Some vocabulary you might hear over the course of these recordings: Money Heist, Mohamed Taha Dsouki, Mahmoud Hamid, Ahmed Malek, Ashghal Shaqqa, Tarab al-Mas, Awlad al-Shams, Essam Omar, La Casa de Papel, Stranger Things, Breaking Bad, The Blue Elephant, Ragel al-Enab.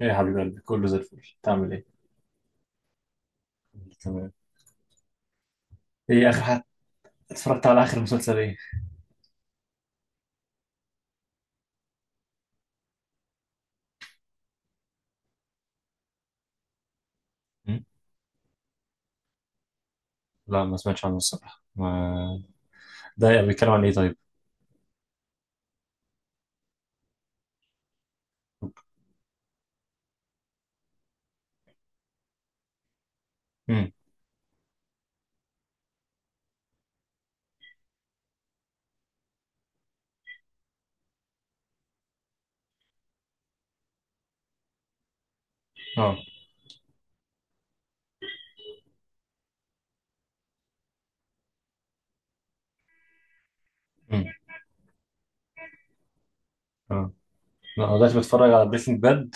ايه يا حبيب قلبي، كله زي الفل. تعمل ايه؟ تمام. ايه اخر حد اتفرجت على اخر مسلسل؟ ايه؟ مم. لا ما سمعتش عنه الصراحة ما. ده بيتكلم عن ايه طيب؟ مم. اه. مم. اه. لا، انا دلوقتي بتفرج على بريكنج باد.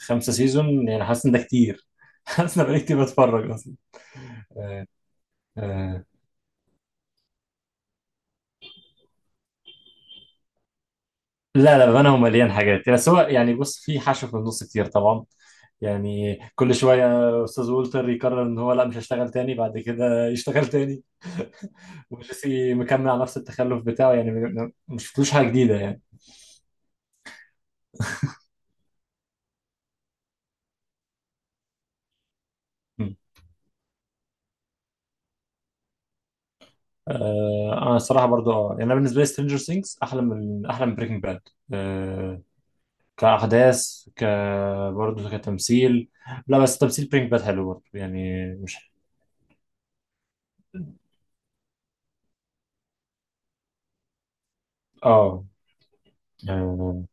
خمسة سيزون يعني حاسس ان ده كتير. حاسس ان بقالي كتير بتفرج اصلا. آه. آه. لا لا بامانه هو مليان حاجات، بس هو يعني بص، في حشو في النص كتير طبعا. يعني كل شويه استاذ وولتر يقرر ان هو لا مش هشتغل تاني، بعد كده يشتغل تاني. وجيسي مكمل على نفس التخلف بتاعه يعني مش شفتلوش حاجه جديده يعني. م. آه انا الصراحه برضو اه يعني انا بالنسبه لي سترينجر ثينجز احلى من بريكنج باد. آه. كاحداث برضو كتمثيل. لا بس تمثيل بريكنج باد حلو برضو، يعني مش. اه. اه.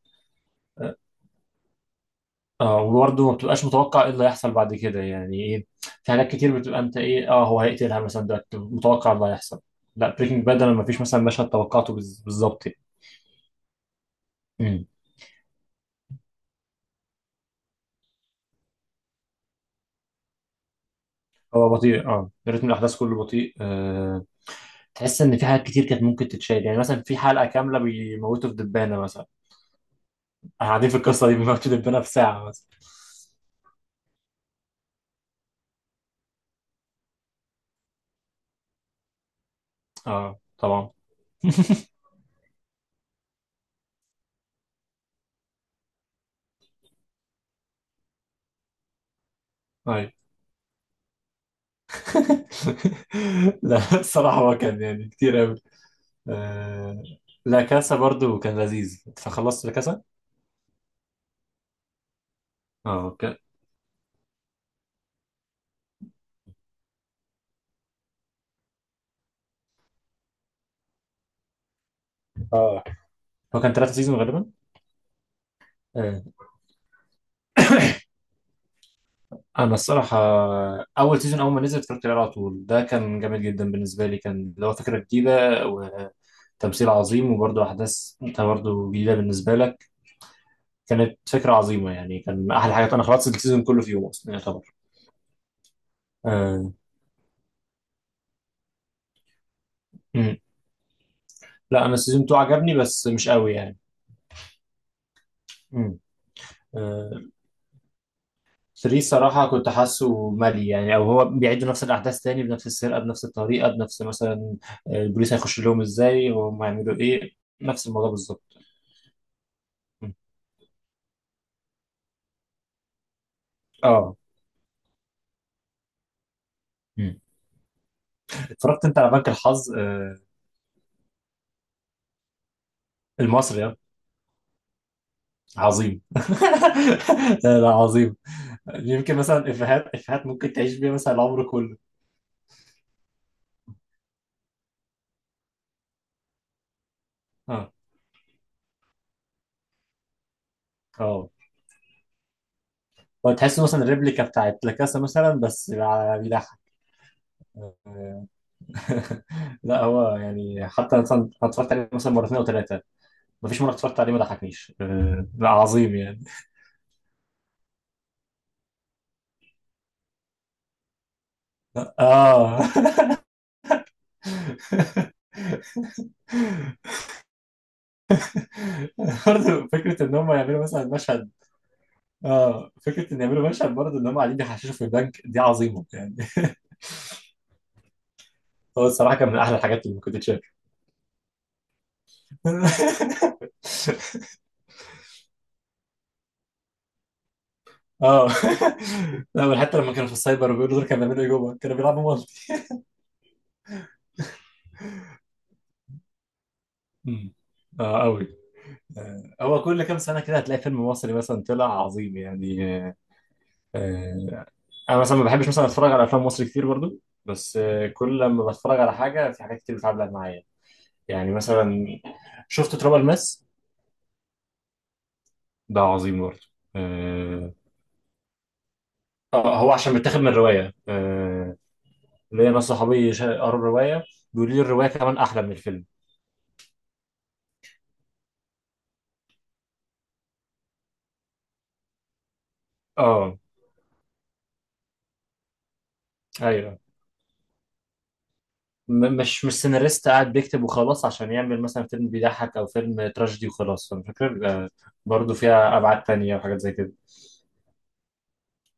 آه، وبرضه ما بتبقاش متوقع ايه اللي هيحصل بعد كده، يعني ايه؟ في حاجات كتير بتبقى انت ايه، اه هو هيقتلها مثلا، ده متوقع اللي هيحصل. لا بريكنج باد انا ما فيش مثلا مشهد توقعته بالظبط. يعني. هو بطيء رتم الاحداث كله بطيء آه. تحس ان في حاجات كتير كانت ممكن تتشال، يعني مثلا في حلقه كامله بيموتوا في دبانه مثلا. احنا قاعدين في القصه دي بيموتوا دبانه في ساعه مثلا. اه طبعا. ايوه. لا الصراحه هو كان يعني كتير قوي. آه. لا كاسا برضو كان لذيذ، فخلصت لا كاسا. اه اوكي. اه هو كان ثلاثة سيزون غالبا. آه. انا الصراحه اول سيزون اول ما نزل اتفرجت عليه على طول، ده كان جامد جدا بالنسبه لي، كان اللي هو فكره جديده، تمثيل عظيم، وبرضه أحداث أنت برضه جديدة بالنسبة لك. كانت فكرة عظيمة يعني، كان أحلى حاجة، أنا خلصت السيزون كله في يوم أصلا يعتبر. آه. مم. لا أنا السيزون 2 عجبني بس مش قوي يعني. مم. آه. 3 صراحة كنت حاسه مالي يعني، أو هو بيعيد نفس الأحداث تاني بنفس السرقة بنفس الطريقة بنفس مثلا، آه، البوليس هيخش لهم إزاي وهم هيعملوا إيه، نفس الموضوع بالظبط. مم. أه. مم. اتفرجت أنت على بنك الحظ؟ آه، المصري، آه. عظيم. لا لا عظيم. يمكن مثلا افيهات افيهات ممكن تعيش بيها مثلا العمر كله. اه. اه. هو تحس مثلا الريبليكا بتاعت لاكاسا مثلا، بس بيضحك. آه. لا هو يعني حتى مثلا أنا اتفرجت عليه مثلا مرتين او ثلاثه، مفيش مره اتفرجت عليه ما ضحكنيش آه. لا عظيم يعني. اه. برضه فكره ان هم يعملوا مثلا مشهد، اه فكره ان يعملوا مشهد برضه ان هم قاعدين بيحششوا في البنك، دي عظيمه يعني. هو الصراحه كان من احلى الحاجات اللي ممكن تتشاف. اه. لا بل حتى لما كانوا في السايبر بيقولوا دول كانوا بيعملوا ايه جوه، كانوا بيلعبوا مالتي. مم. اه قوي. آه، هو كل كام سنه كده هتلاقي فيلم مصري مثلا طلع عظيم يعني، آه، آه، انا مثلا ما بحبش مثلا اتفرج على افلام مصري كتير برضو، بس آه، كل لما بتفرج على حاجه في حاجات كتير بتعلق معايا. يعني مثلا شفت تراب الماس، ده عظيم برضو. اه. آه، هو عشان متاخد من روايه، آه، ليا ناس صحابي قروا الروايه، بيقولوا لي الروايه كمان احلى من الفيلم. اه. ايوه. مش سيناريست قاعد بيكتب وخلاص عشان يعمل مثلا فيلم بيضحك او فيلم تراجيدي وخلاص، فالفكرة بيبقى برضه فيها ابعاد تانية وحاجات زي كده.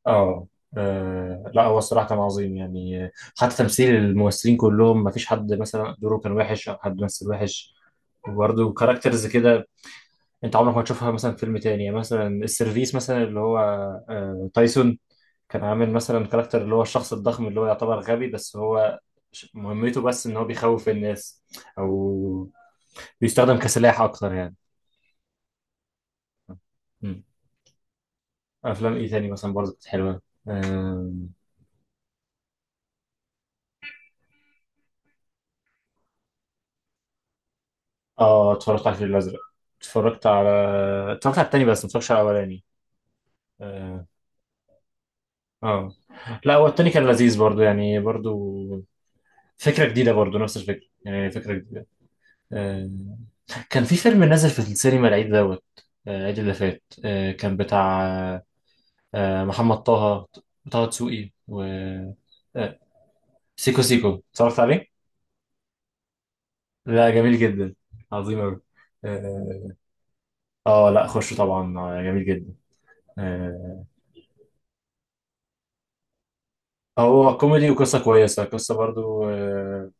اه. آه، لا هو الصراحة كان عظيم يعني، آه، حتى تمثيل الممثلين كلهم، ما فيش حد مثلا دوره كان وحش أو حد مثل وحش. وبرضه كاركترز كده أنت عمرك ما تشوفها مثلا في فيلم تاني، يعني مثلا السيرفيس مثلا اللي هو آه، تايسون، كان عامل مثلا كاركتر اللي هو الشخص الضخم اللي هو يعتبر غبي، بس هو مهمته بس ان هو بيخوف الناس او بيستخدم كسلاح اكتر يعني. مم. افلام ايه تاني مثلا برضه كانت حلوه؟ آم، اه اتفرجت على الفيل الازرق. اتفرجت على اتفرجت على التاني، بس ما اتفرجتش على الاولاني. اه. آه. لا هو التاني كان لذيذ برضه يعني، برضه فكره جديده، برضه نفس الفكره يعني، فكره جديده. آه. كان في فيلم نازل في السينما العيد دوت، آه، العيد اللي فات، آه، كان بتاع آه، محمد طه، طه دسوقي و، آه، سيكو سيكو، اتفرجت عليه؟ لا جميل جدا، عظيم أوي. اه. آه، لا خش طبعا، آه، جميل جدا، آه، هو كوميدي وقصة كويسة، قصة برضو آه،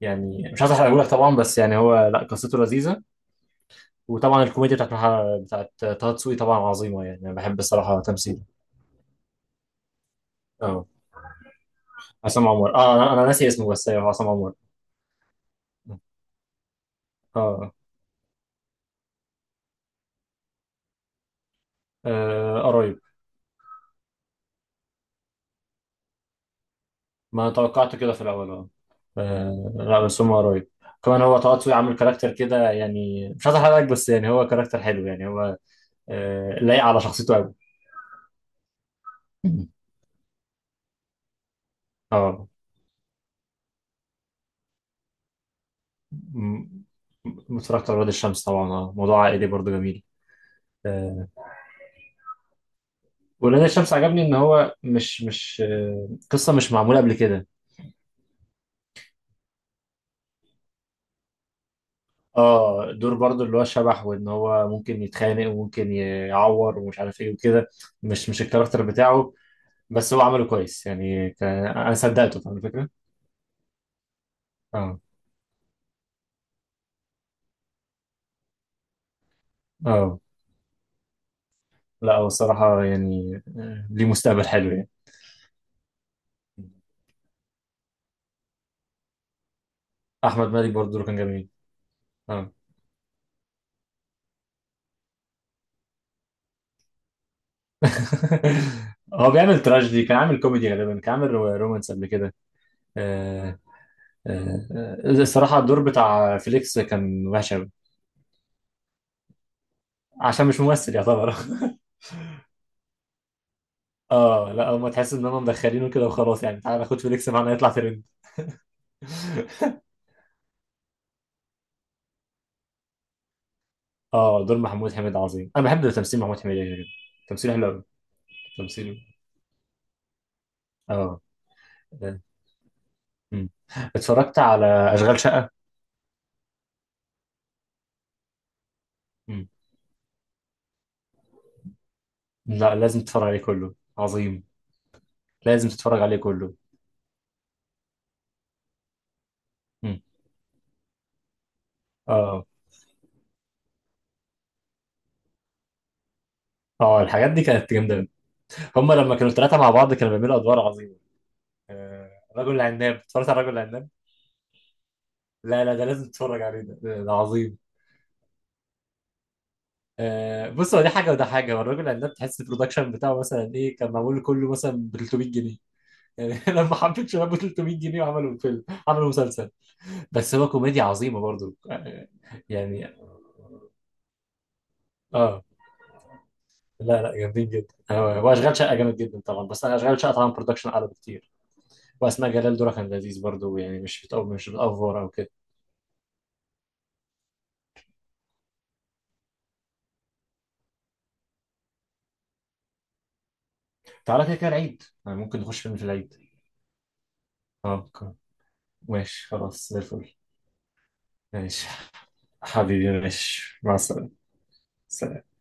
يعني مش عايز احرقهولك طبعا، بس يعني هو لا قصته لذيذة. وطبعا الكوميديا بتاعت بتاعت طه دسوقي طبعا عظيمة يعني، انا بحب الصراحة تمثيله. اه. عصام عمر، اه انا ناسي اسمه، بس ايوه هو عصام عمر. اه. آه، قريب. ما انا توقعت كده في الاول، اه، آه، لا بس هم قريب. كمان هو طه دسوقي عامل كاركتر كده يعني، مش عايز احرقك بس يعني، هو كاركتر حلو يعني هو آه، لايق على شخصيته قوي. اه. م- اتفرجت على ولاد الشمس طبعا، اه موضوع عائلي برضه جميل. آه، ولاد الشمس عجبني ان هو مش آه، قصه مش معموله قبل كده. اه دور برضه اللي هو شبح، وان هو ممكن يتخانق وممكن يعور ومش عارف ايه وكده، مش الكاركتر بتاعه، بس هو عمله كويس يعني انا صدقته، فاهم الفكره. اه. اه. لا هو الصراحه يعني، آه، ليه مستقبل حلو يعني. احمد مالك برضه دوره كان جميل. اه. هو بيعمل تراجيدي، كان عامل كوميدي غالبا، كان عامل رومانس قبل كده. آه. آه. آه، الصراحه الدور بتاع فيليكس كان وحش قوي، عشان مش ممثل يعتبر. اه لا هما تحس ان هم مدخلينه كده وخلاص، يعني تعالى ناخد فيليكس معانا يطلع ترند. اه دور محمود حميد عظيم، انا بحب تمثيل محمود حميد جدا. تمثيله حلو قوي. تمثيله. اه. مم. اتفرجت على أشغال شقة؟ مم. لا لازم تتفرج عليه، كله عظيم. لازم تتفرج عليه كله. مم. اه. اه الحاجات دي كانت جامدة أوي. هما لما كانوا الثلاثة مع بعض كانوا بيعملوا أدوار عظيمة. آه. رجل العناب، اتفرجت على رجل العناب؟ لا لا ده لازم تتفرج عليه، ده عظيم. آه بص، هو دي حاجة وده حاجة، هو الرجل العناب تحس البرودكشن بتاعه مثلا إيه، كان معمول كله مثلا ب 300 جنيه يعني، لما حبيت شباب ب 300 جنيه وعملوا الفيلم، عملوا مسلسل، بس هو كوميديا عظيمة برضه آه، يعني. اه. لا لا جامدين جدا، واشغال شقه جامد جدا طبعا، بس انا اشغال شقه طبعا برودكشن اعلى بكتير. واسماء جلال دورها كان لذيذ برضو يعني، مش بتأفور او كده. تعالى كده كده العيد، يعني ممكن نخش فيلم في العيد. اه ماشي خلاص زي الفل. ماشي حبيبي، ماشي مع السلامه. سلام.